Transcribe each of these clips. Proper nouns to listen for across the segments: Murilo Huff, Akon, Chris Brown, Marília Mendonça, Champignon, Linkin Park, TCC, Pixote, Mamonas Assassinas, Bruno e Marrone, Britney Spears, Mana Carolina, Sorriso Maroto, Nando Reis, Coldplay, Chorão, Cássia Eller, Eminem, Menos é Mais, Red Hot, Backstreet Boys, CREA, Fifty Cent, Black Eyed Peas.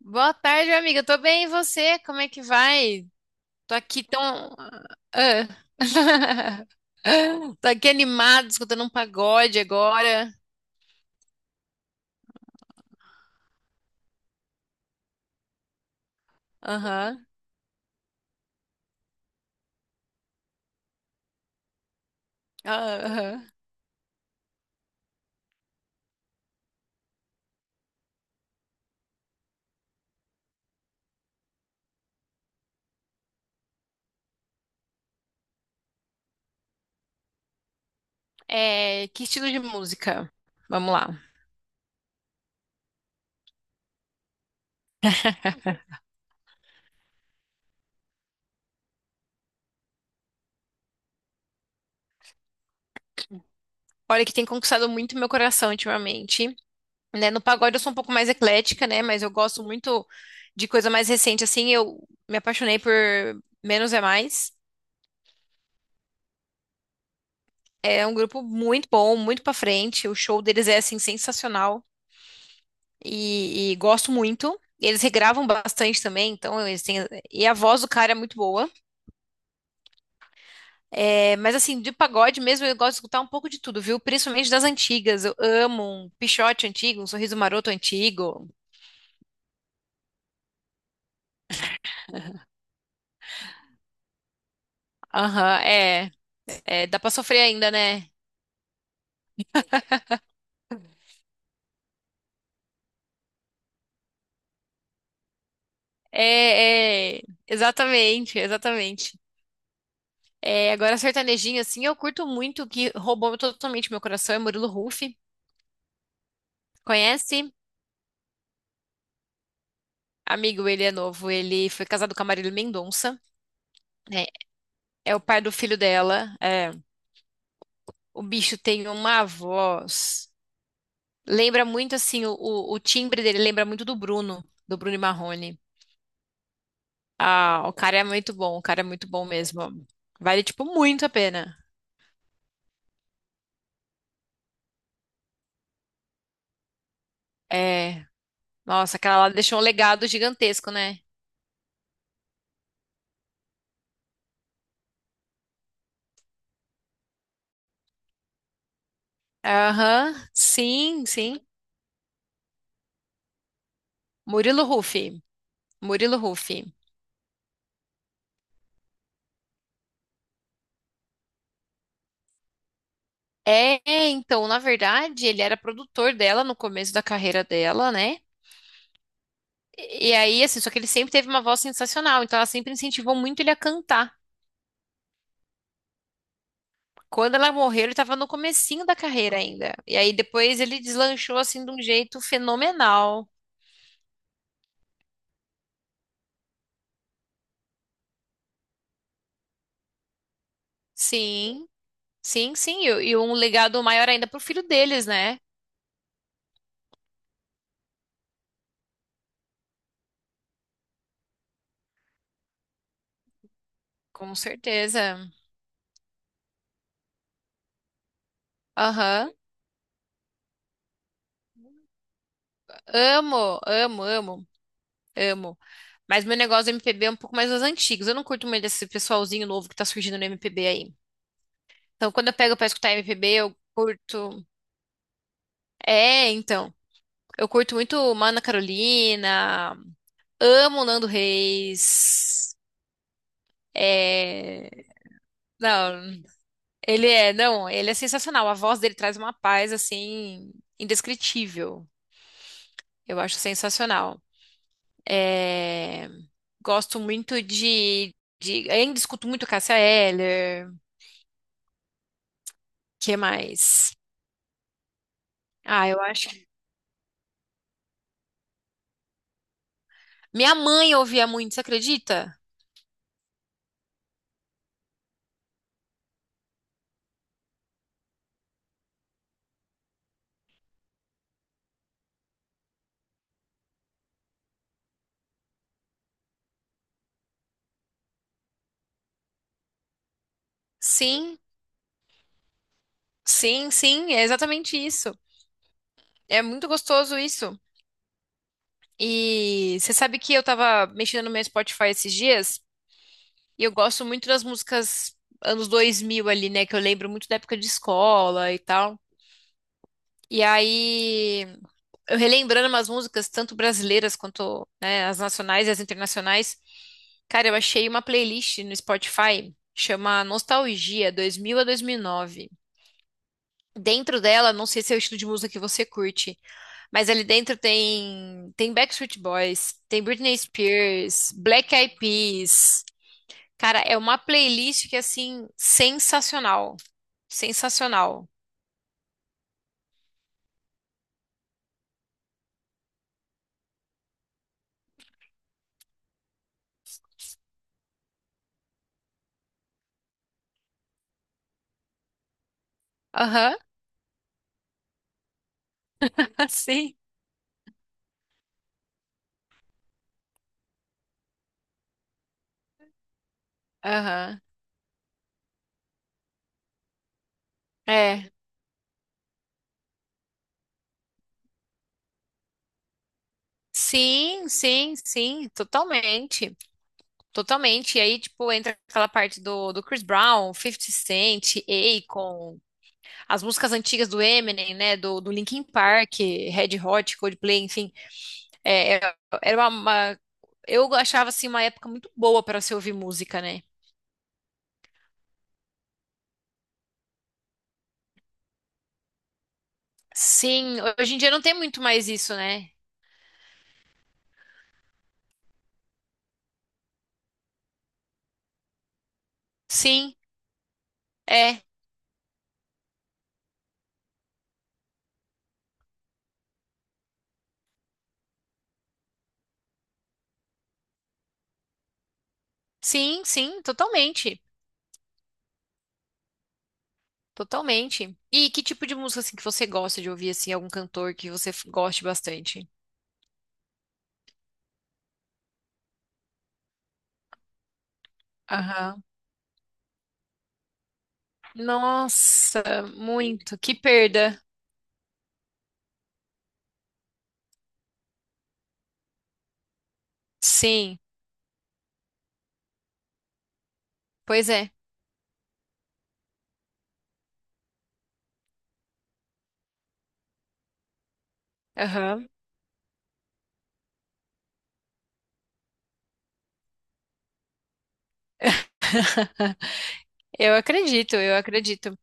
Boa tarde, minha amiga. Tô bem, e você? Como é que vai? Tô aqui tão. Ah. Tô aqui animado escutando um pagode agora. Aham. Ah, aham. É, que estilo de música? Vamos lá. Olha, que tem conquistado muito meu coração ultimamente, né? No pagode eu sou um pouco mais eclética, né? Mas eu gosto muito de coisa mais recente, assim. Eu me apaixonei por Menos é Mais. É um grupo muito bom, muito pra frente. O show deles é assim sensacional e gosto muito. Eles regravam bastante também, então eles têm. E a voz do cara é muito boa. É, mas assim, de pagode mesmo, eu gosto de escutar um pouco de tudo, viu? Principalmente das antigas. Eu amo um Pixote antigo, um Sorriso Maroto antigo. Aham, é, é. Dá pra sofrer ainda, né? É, é. Exatamente, exatamente. É, agora, sertanejinho, assim, eu curto muito, que roubou totalmente meu coração, é Murilo Huff. Conhece? Amigo, ele é novo, ele foi casado com a Marília Mendonça, né? É o pai do filho dela. É. O bicho tem uma voz. Lembra muito assim, o timbre dele lembra muito do Bruno e Marrone. Ah, o cara é muito bom, o cara é muito bom mesmo. Vale, tipo, muito a pena. É. Nossa, aquela lá deixou um legado gigantesco, né? Aham, sim, sim. Murilo Huff. Murilo Huff. É, então, na verdade, ele era produtor dela no começo da carreira dela, né? E aí, assim, só que ele sempre teve uma voz sensacional, então ela sempre incentivou muito ele a cantar. Quando ela morreu, ele estava no comecinho da carreira ainda. E aí depois ele deslanchou assim de um jeito fenomenal. Sim, sim, sim. E um legado maior ainda pro filho deles, né? Com certeza. Aham. Amo, amo, amo, amo. Mas meu negócio do MPB é um pouco mais dos antigos. Eu não curto muito desse pessoalzinho novo que tá surgindo no MPB aí. Então, quando eu pego pra escutar MPB, eu curto. É, então. Eu curto muito Mana Carolina, amo Nando Reis. É... Não, ele é, não, ele é sensacional. A voz dele traz uma paz assim indescritível. Eu acho sensacional. É... Gosto muito ainda escuto muito Cássia Eller. Que mais? Ah, eu acho. Minha mãe ouvia muito, você acredita? Sim, sim, sim, é exatamente isso. É muito gostoso isso. E você sabe que eu tava mexendo no meu Spotify esses dias e eu gosto muito das músicas anos 2000 ali, né? Que eu lembro muito da época de escola e tal. E aí, eu relembrando umas músicas, tanto brasileiras quanto, né, as nacionais e as internacionais. Cara, eu achei uma playlist no Spotify, chama Nostalgia 2000 a 2009. Dentro dela, não sei se é o estilo de música que você curte, mas ali dentro tem Backstreet Boys, tem Britney Spears, Black Eyed Peas. Cara, é uma playlist que assim sensacional, sensacional. Aham, sim. Aham. É. Sim, sim, sim, totalmente. Totalmente. E aí, tipo, entra aquela parte do Chris Brown, Fifty Cent, Akon, as músicas antigas do Eminem, né? Do Linkin Park, Red Hot, Coldplay, enfim. É, eu achava assim uma época muito boa para se ouvir música, né? Sim, hoje em dia não tem muito mais isso, né? Sim, é. Sim, sim, totalmente. Totalmente. E que tipo de música assim que você gosta de ouvir assim, algum cantor que você goste bastante? Aham. Nossa, muito. Que perda. Sim, pois é. Aham. Eu acredito, eu acredito.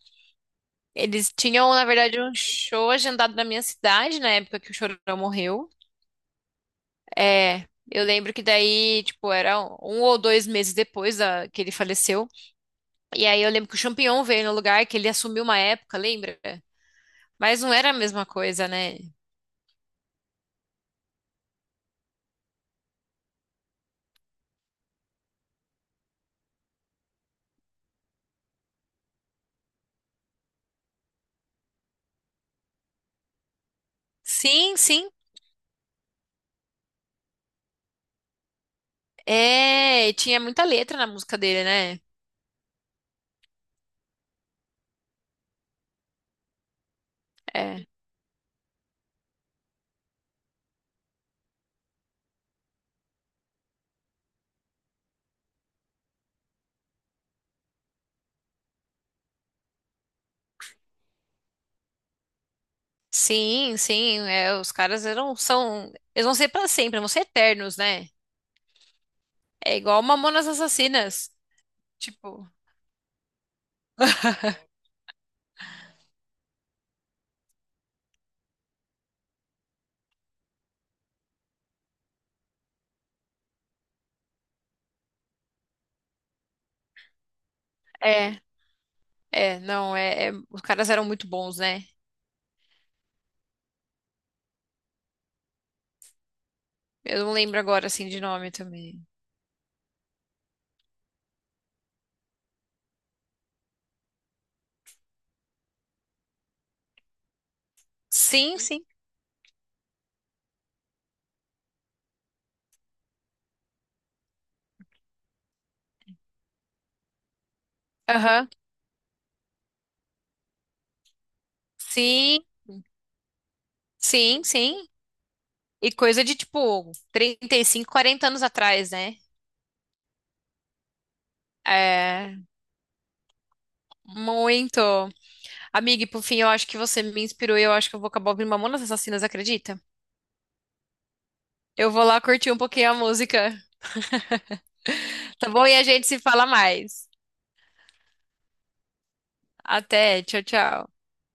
Eles tinham, na verdade, um show agendado na minha cidade na época que o Chorão morreu. É, eu lembro que daí, tipo, era um ou dois meses depois da, que ele faleceu. E aí eu lembro que o Champignon veio no lugar, que ele assumiu uma época, lembra? Mas não era a mesma coisa, né? Sim, sim. É, e tinha muita letra na música dele, né? É. Sim, sim. É, os caras eram, são. Eles vão ser pra sempre, vão ser eternos, né? É igual Mamonas Assassinas. Tipo. É, não, os caras eram muito bons, né? Eu não lembro agora, assim, de nome também. Sim, sim. Aham. Sim, sim, sim. E coisa de tipo 35, 40 anos atrás, né? É, muito. Amiga, e por fim, eu acho que você me inspirou e eu acho que eu vou acabar ouvindo Mamonas Assassinas, acredita? Eu vou lá curtir um pouquinho a música, tá bom? E a gente se fala mais. Até, tchau, tchau.